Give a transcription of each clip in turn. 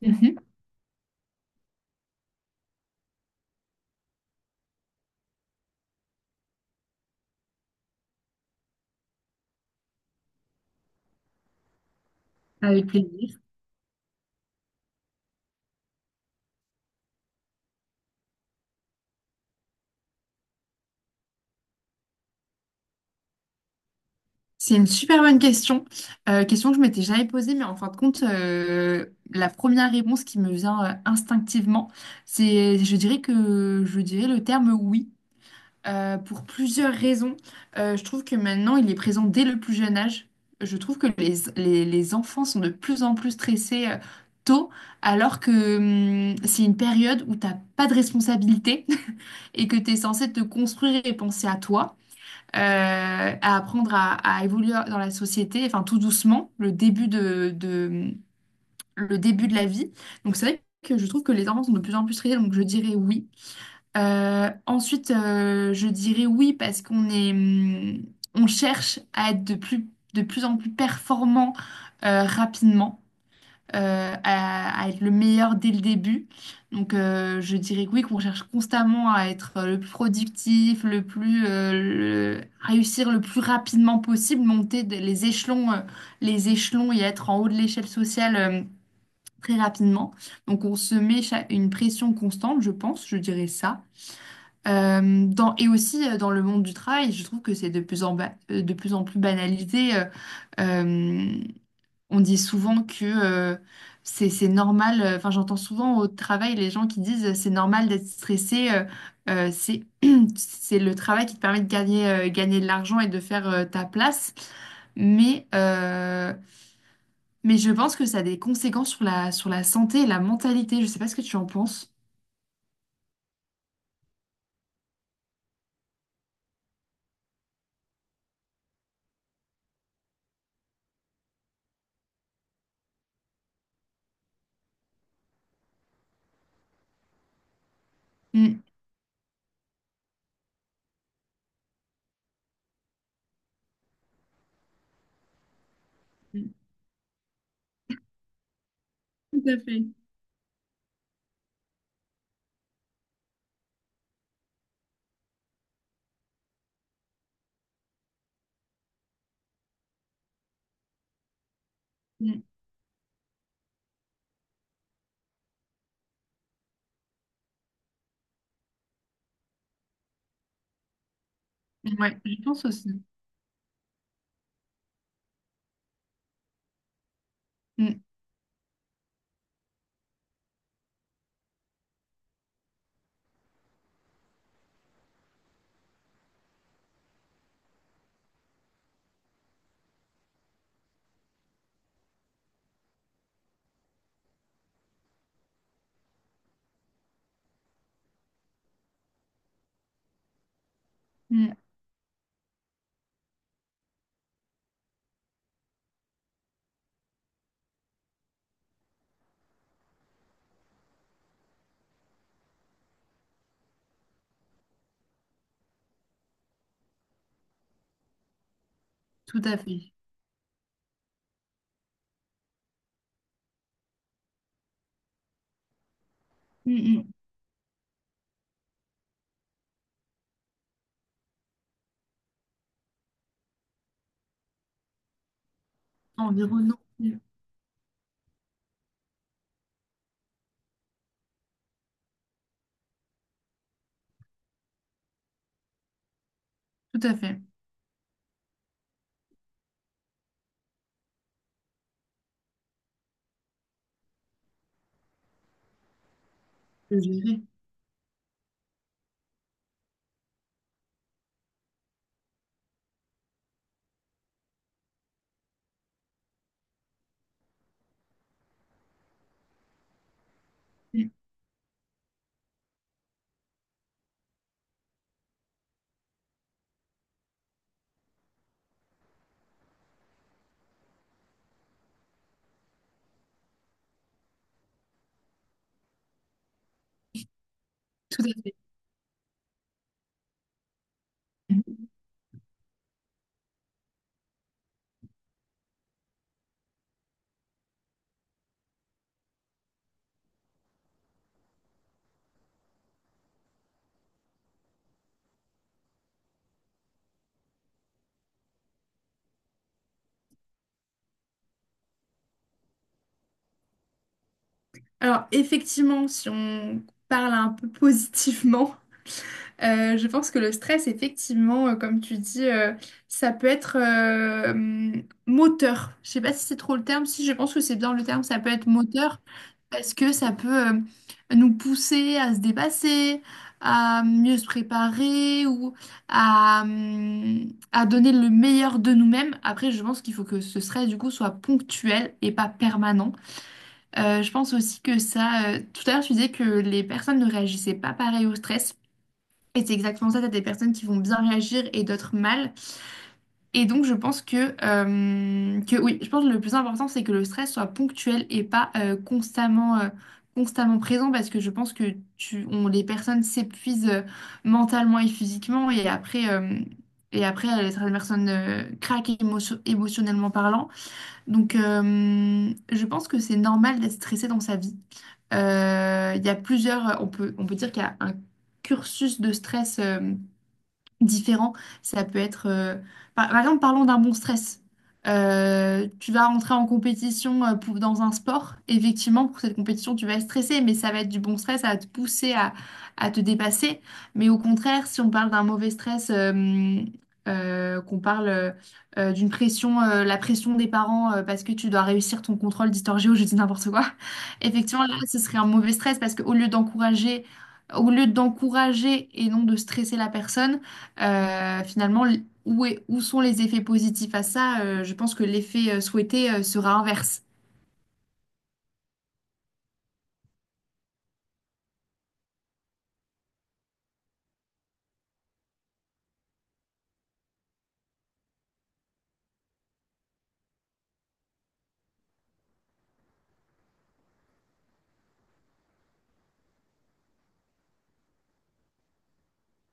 Mhm. Avec plaisir. C'est une super bonne question. Question que je m'étais jamais posée, mais en fin de compte, la première réponse qui me vient instinctivement, c'est, je dirais le terme oui, pour plusieurs raisons. Je trouve que maintenant, il est présent dès le plus jeune âge. Je trouve que les enfants sont de plus en plus stressés tôt, alors que c'est une période où tu n'as pas de responsabilité et que tu es censé te construire et penser à toi. euh, à apprendre à évoluer dans la société, enfin tout doucement, le début de la vie. Donc c'est vrai que je trouve que les enfants sont de plus en plus triés, donc je dirais oui. Ensuite, je dirais oui parce qu'on cherche à être de plus en plus performant rapidement à être le meilleur dès le début. Donc, je dirais que oui, qu'on cherche constamment à être le plus productif, réussir le plus rapidement possible, monter les échelons et être en haut de l'échelle sociale très rapidement. Donc, on se met une pression constante, je pense, je dirais ça. Et aussi dans le monde du travail, je trouve que c'est de plus en plus banalisé. Euh, on dit souvent que c'est normal, enfin j'entends souvent au travail les gens qui disent c'est normal d'être stressé, c'est c'est le travail qui te permet de gagner de l'argent et de faire ta place. Mais, euh, mais je pense que ça a des conséquences sur la santé et la mentalité. Je sais pas ce que tu en penses. Mm. Mm. Tout à fait. Mm. Ouais, je pense aussi. Mm. Mm. Tout à fait. Mm, mm. Environnant. Mm. Tout à fait. Je dirais. Mm. Tout à fait. Alors effectivement, si on parle un peu positivement, je pense que le stress, effectivement, comme tu dis, ça peut être moteur. Je sais pas si c'est trop le terme, si je pense que c'est bien le terme, ça peut être moteur parce que ça peut nous pousser à se dépasser, à mieux se préparer ou à donner le meilleur de nous-mêmes. Après, je pense qu'il faut que ce stress, du coup, soit ponctuel et pas permanent. Je pense aussi que ça. Tout à l'heure, tu disais que les personnes ne réagissaient pas pareil au stress. Et c'est exactement ça. T'as des personnes qui vont bien réagir et d'autres mal. Et donc, je pense que oui, je pense que le plus important, c'est que le stress soit ponctuel et pas constamment présent. Parce que je pense que les personnes s'épuisent mentalement et physiquement. Et après, certaines personnes craquent émotionnellement parlant. Donc, je pense que c'est normal d'être stressé dans sa vie. Il y a on peut dire qu'il y a un cursus de stress différents. Ça peut être, par exemple, parlons d'un bon stress. Tu vas rentrer en compétition dans un sport. Effectivement, pour cette compétition, tu vas être stressé, mais ça va être du bon stress, ça va te pousser à te dépasser. Mais au contraire, si on parle d'un mauvais stress, qu'on parle d'une pression, la pression des parents parce que tu dois réussir ton contrôle d'histoire géo, je dis n'importe quoi. Effectivement, là, ce serait un mauvais stress parce qu'au lieu d'encourager et non de stresser la personne, finalement, où sont les effets positifs à ça? Je pense que l'effet souhaité sera inverse.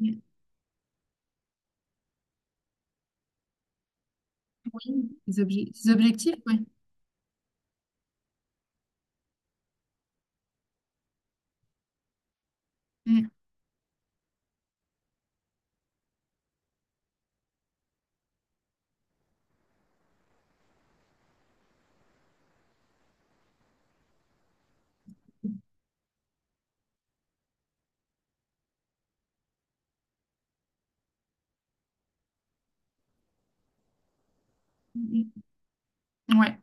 Oui, les objectifs, oui. Mm. Mm. Ouais.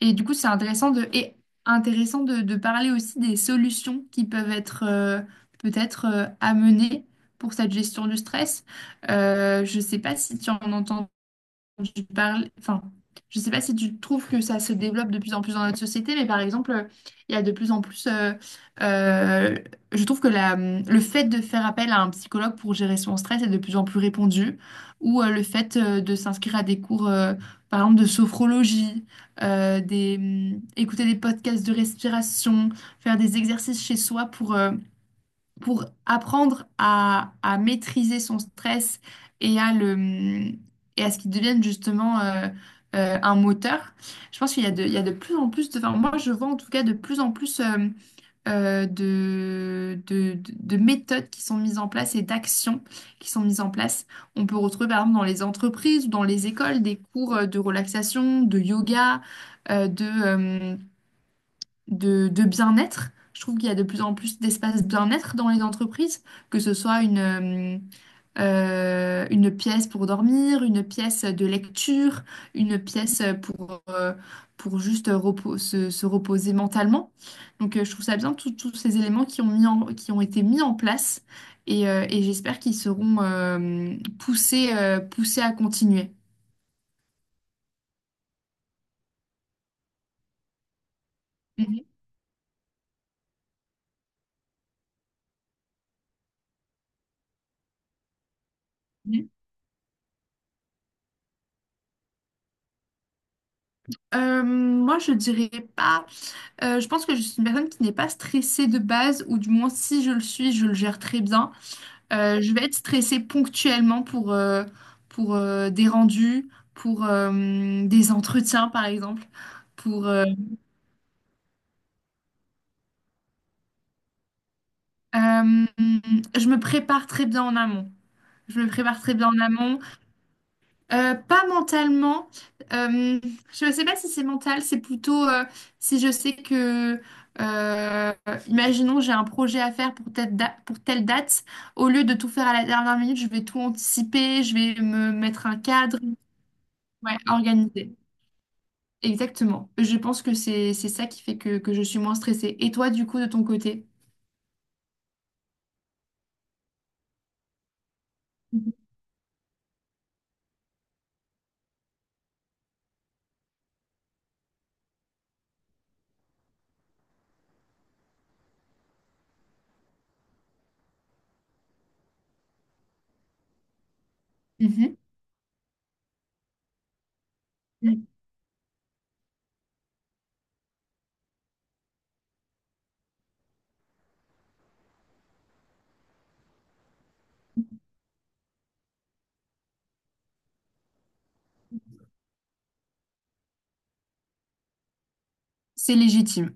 Et du coup, c'est intéressant de parler aussi des solutions qui peuvent être peut-être amenées pour cette gestion du stress. Je ne sais pas si tu en entends. Enfin, je sais pas si tu trouves que ça se développe de plus en plus dans notre société, mais par exemple, il y a de plus en plus, euh, je trouve que le fait de faire appel à un psychologue pour gérer son stress est de plus en plus répandu, ou le fait de s'inscrire à des cours, par exemple, de sophrologie, écouter des podcasts de respiration, faire des exercices chez soi pour apprendre à maîtriser son stress et et à ce qu'il devienne justement un moteur. Je pense qu'il y a de plus en plus enfin, moi je vois en tout cas de plus en plus de méthodes qui sont mises en place et d'actions qui sont mises en place. On peut retrouver par exemple dans les entreprises ou dans les écoles des cours de relaxation, de yoga, euh, de, euh, de bien-être. Je trouve qu'il y a de plus en plus d'espaces bien-être dans les entreprises, que ce soit une pièce pour dormir, une pièce de lecture, une pièce pour juste se reposer mentalement. Donc je trouve ça bien, tous ces éléments qui ont qui ont été mis en place et j'espère qu'ils seront poussés à continuer. Mhm. Moi, je dirais pas. Je pense que je suis une personne qui n'est pas stressée de base, ou du moins si je le suis, je le gère très bien. Je vais être stressée ponctuellement pour des rendus, pour des entretiens par exemple. Pour, euh, euh, je me prépare très bien en amont. Je me prépare très bien en amont. Pas mentalement. Euh, je ne sais pas si c'est mental, c'est plutôt si je sais que, euh, imaginons, j'ai un projet à faire pour telle date, au lieu de tout faire à la dernière minute, je vais tout anticiper, je vais me mettre un cadre, ouais, organiser. Exactement. Je pense que c'est ça qui fait que je suis moins stressée. Et toi, du coup, de ton côté? Mhm. Mhm. C'est légitime.